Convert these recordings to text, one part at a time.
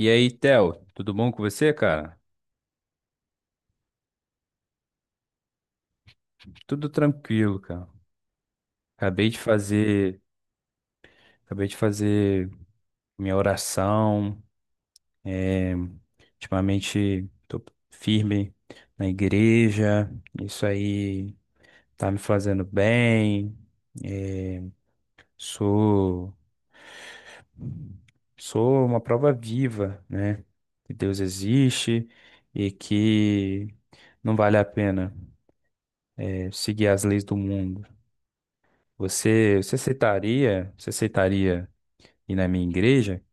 E aí, Theo, tudo bom com você, cara? Tudo tranquilo, cara. Acabei de fazer, acabei de fazer minha oração. É, ultimamente tô firme na igreja. Isso aí tá me fazendo bem. É, sou, sou uma prova viva, né? Que Deus existe e que não vale a pena, é, seguir as leis do mundo. Você aceitaria? Você aceitaria? E na minha igreja,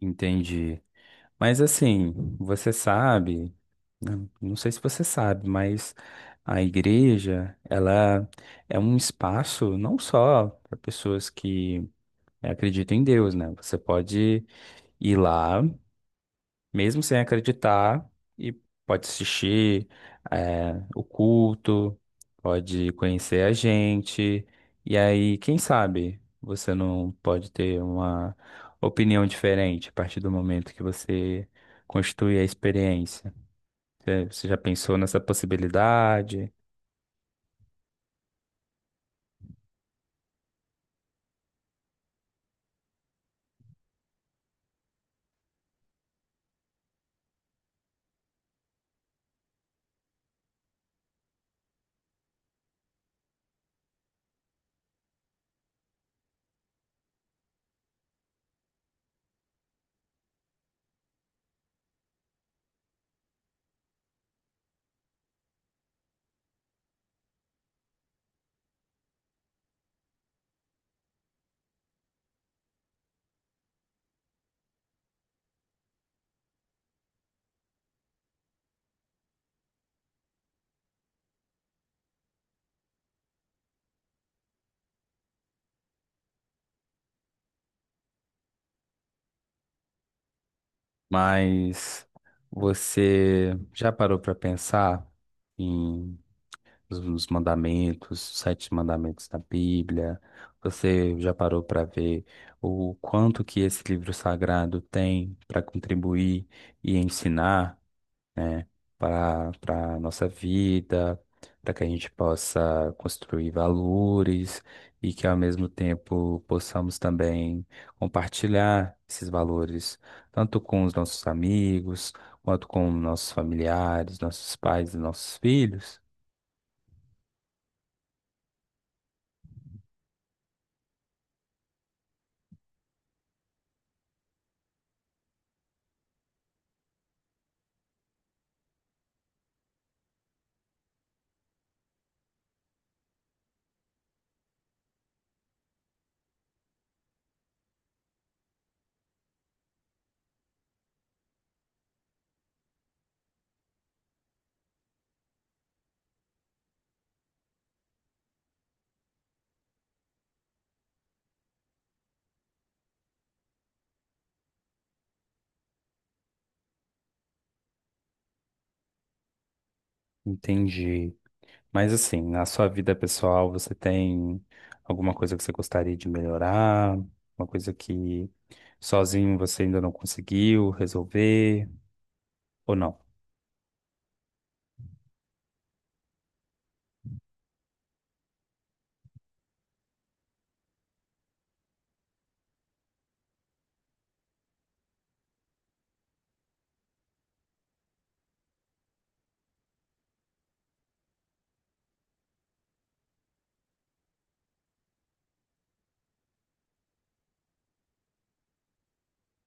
entendi. Mas assim, você sabe, não sei se você sabe, mas a igreja, ela é um espaço não só para pessoas que acreditam em Deus, né? Você pode ir lá mesmo sem acreditar, e pode assistir o culto, pode conhecer a gente, e aí, quem sabe, você não pode ter uma opinião diferente a partir do momento que você constitui a experiência. Você já pensou nessa possibilidade, mas você já parou para pensar? Os mandamentos, os sete mandamentos da Bíblia. Você já parou para ver o quanto que esse livro sagrado tem para contribuir e ensinar, né, para a nossa vida, para que a gente possa construir valores e que ao mesmo tempo possamos também compartilhar esses valores, tanto com os nossos amigos, quanto com nossos familiares, nossos pais e nossos filhos. Entendi. Mas assim, na sua vida pessoal, você tem alguma coisa que você gostaria de melhorar? Uma coisa que sozinho você ainda não conseguiu resolver? Ou não?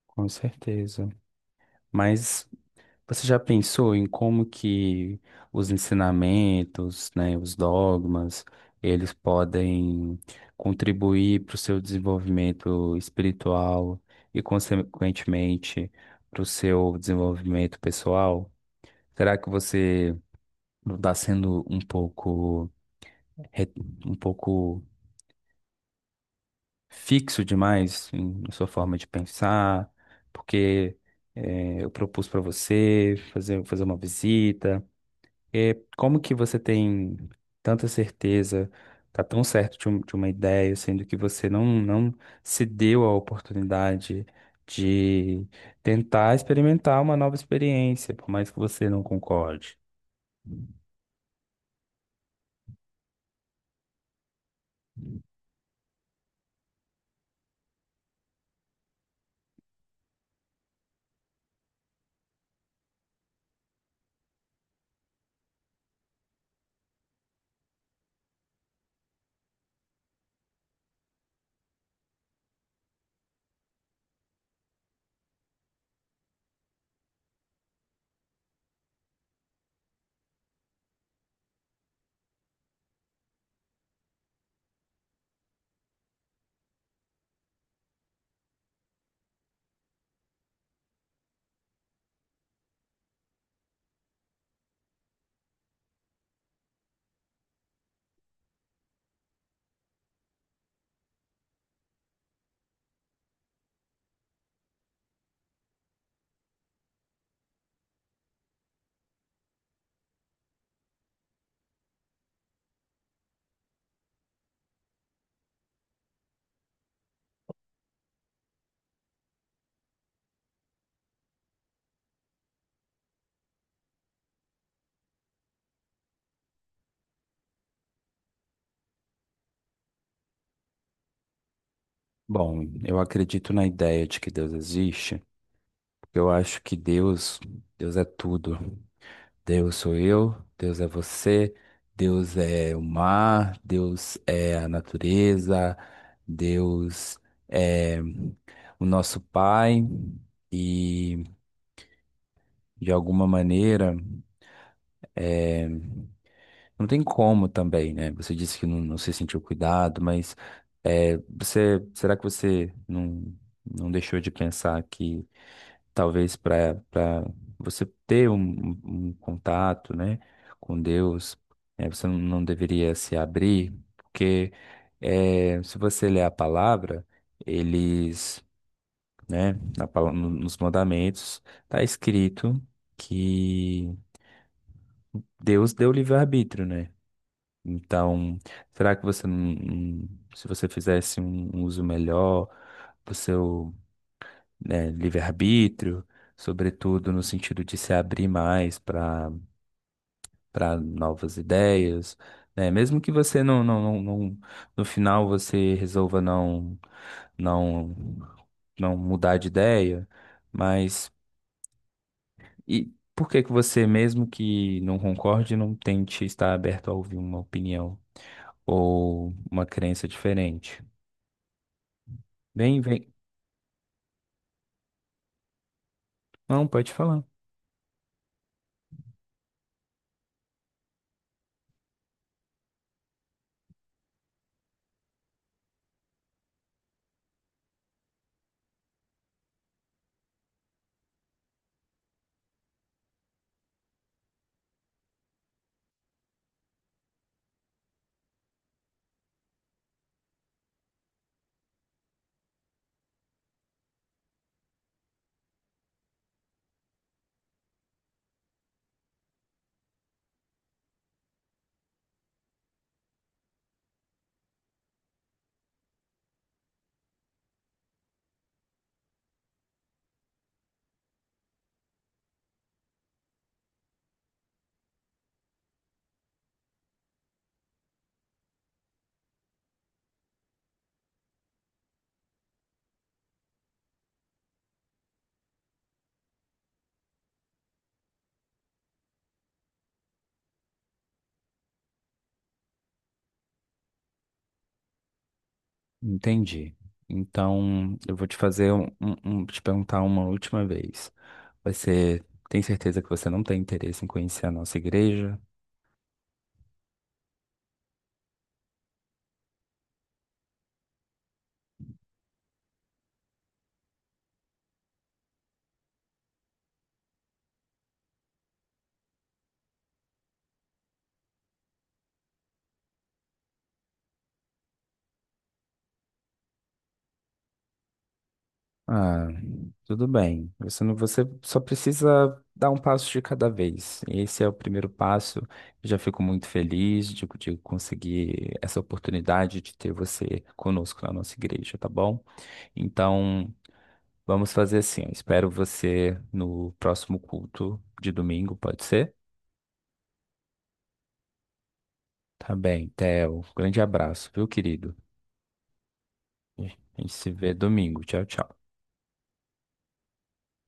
Com certeza. Mas você já pensou em como que os ensinamentos, né, os dogmas, eles podem contribuir para o seu desenvolvimento espiritual e, consequentemente, para o seu desenvolvimento pessoal? Será que você não tá sendo um pouco, re- um pouco fixo demais na sua forma de pensar, porque é, eu propus para você fazer uma visita. É, como que você tem tanta certeza, tá tão certo de, de uma ideia, sendo que você não se deu a oportunidade de tentar experimentar uma nova experiência, por mais que você não concorde? Bom, eu acredito na ideia de que Deus existe. Eu acho que Deus é tudo. Deus sou eu, Deus é você, Deus é o mar, Deus é a natureza, Deus é o nosso Pai. E de alguma maneira, não tem como também, né? Você disse que não se sentiu cuidado, mas será que você não deixou de pensar que talvez para você ter um, um contato, né, com Deus, você não deveria se abrir, porque se você ler a palavra, eles, né, na pala- no- nos mandamentos está escrito que Deus deu livre-arbítrio, né? Então, será que você se você fizesse um uso melhor do seu, né, livre-arbítrio, sobretudo no sentido de se abrir mais para novas ideias, né? Mesmo que você no final você resolva não não mudar de ideia, mas e por que que você, mesmo que não concorde, não tente estar aberto a ouvir uma opinião ou uma crença diferente? Vem, vem. Não, pode falar. Entendi. Então, eu vou te fazer te perguntar uma última vez. Você tem certeza que você não tem interesse em conhecer a nossa igreja? Ah, tudo bem. Você não, você só precisa dar um passo de cada vez. Esse é o primeiro passo. Eu já fico muito feliz de conseguir essa oportunidade de ter você conosco na nossa igreja, tá bom? Então, vamos fazer assim. Eu espero você no próximo culto de domingo, pode ser? Tá bem, Theo. Grande abraço, viu, querido? A gente se vê domingo. Tchau, tchau.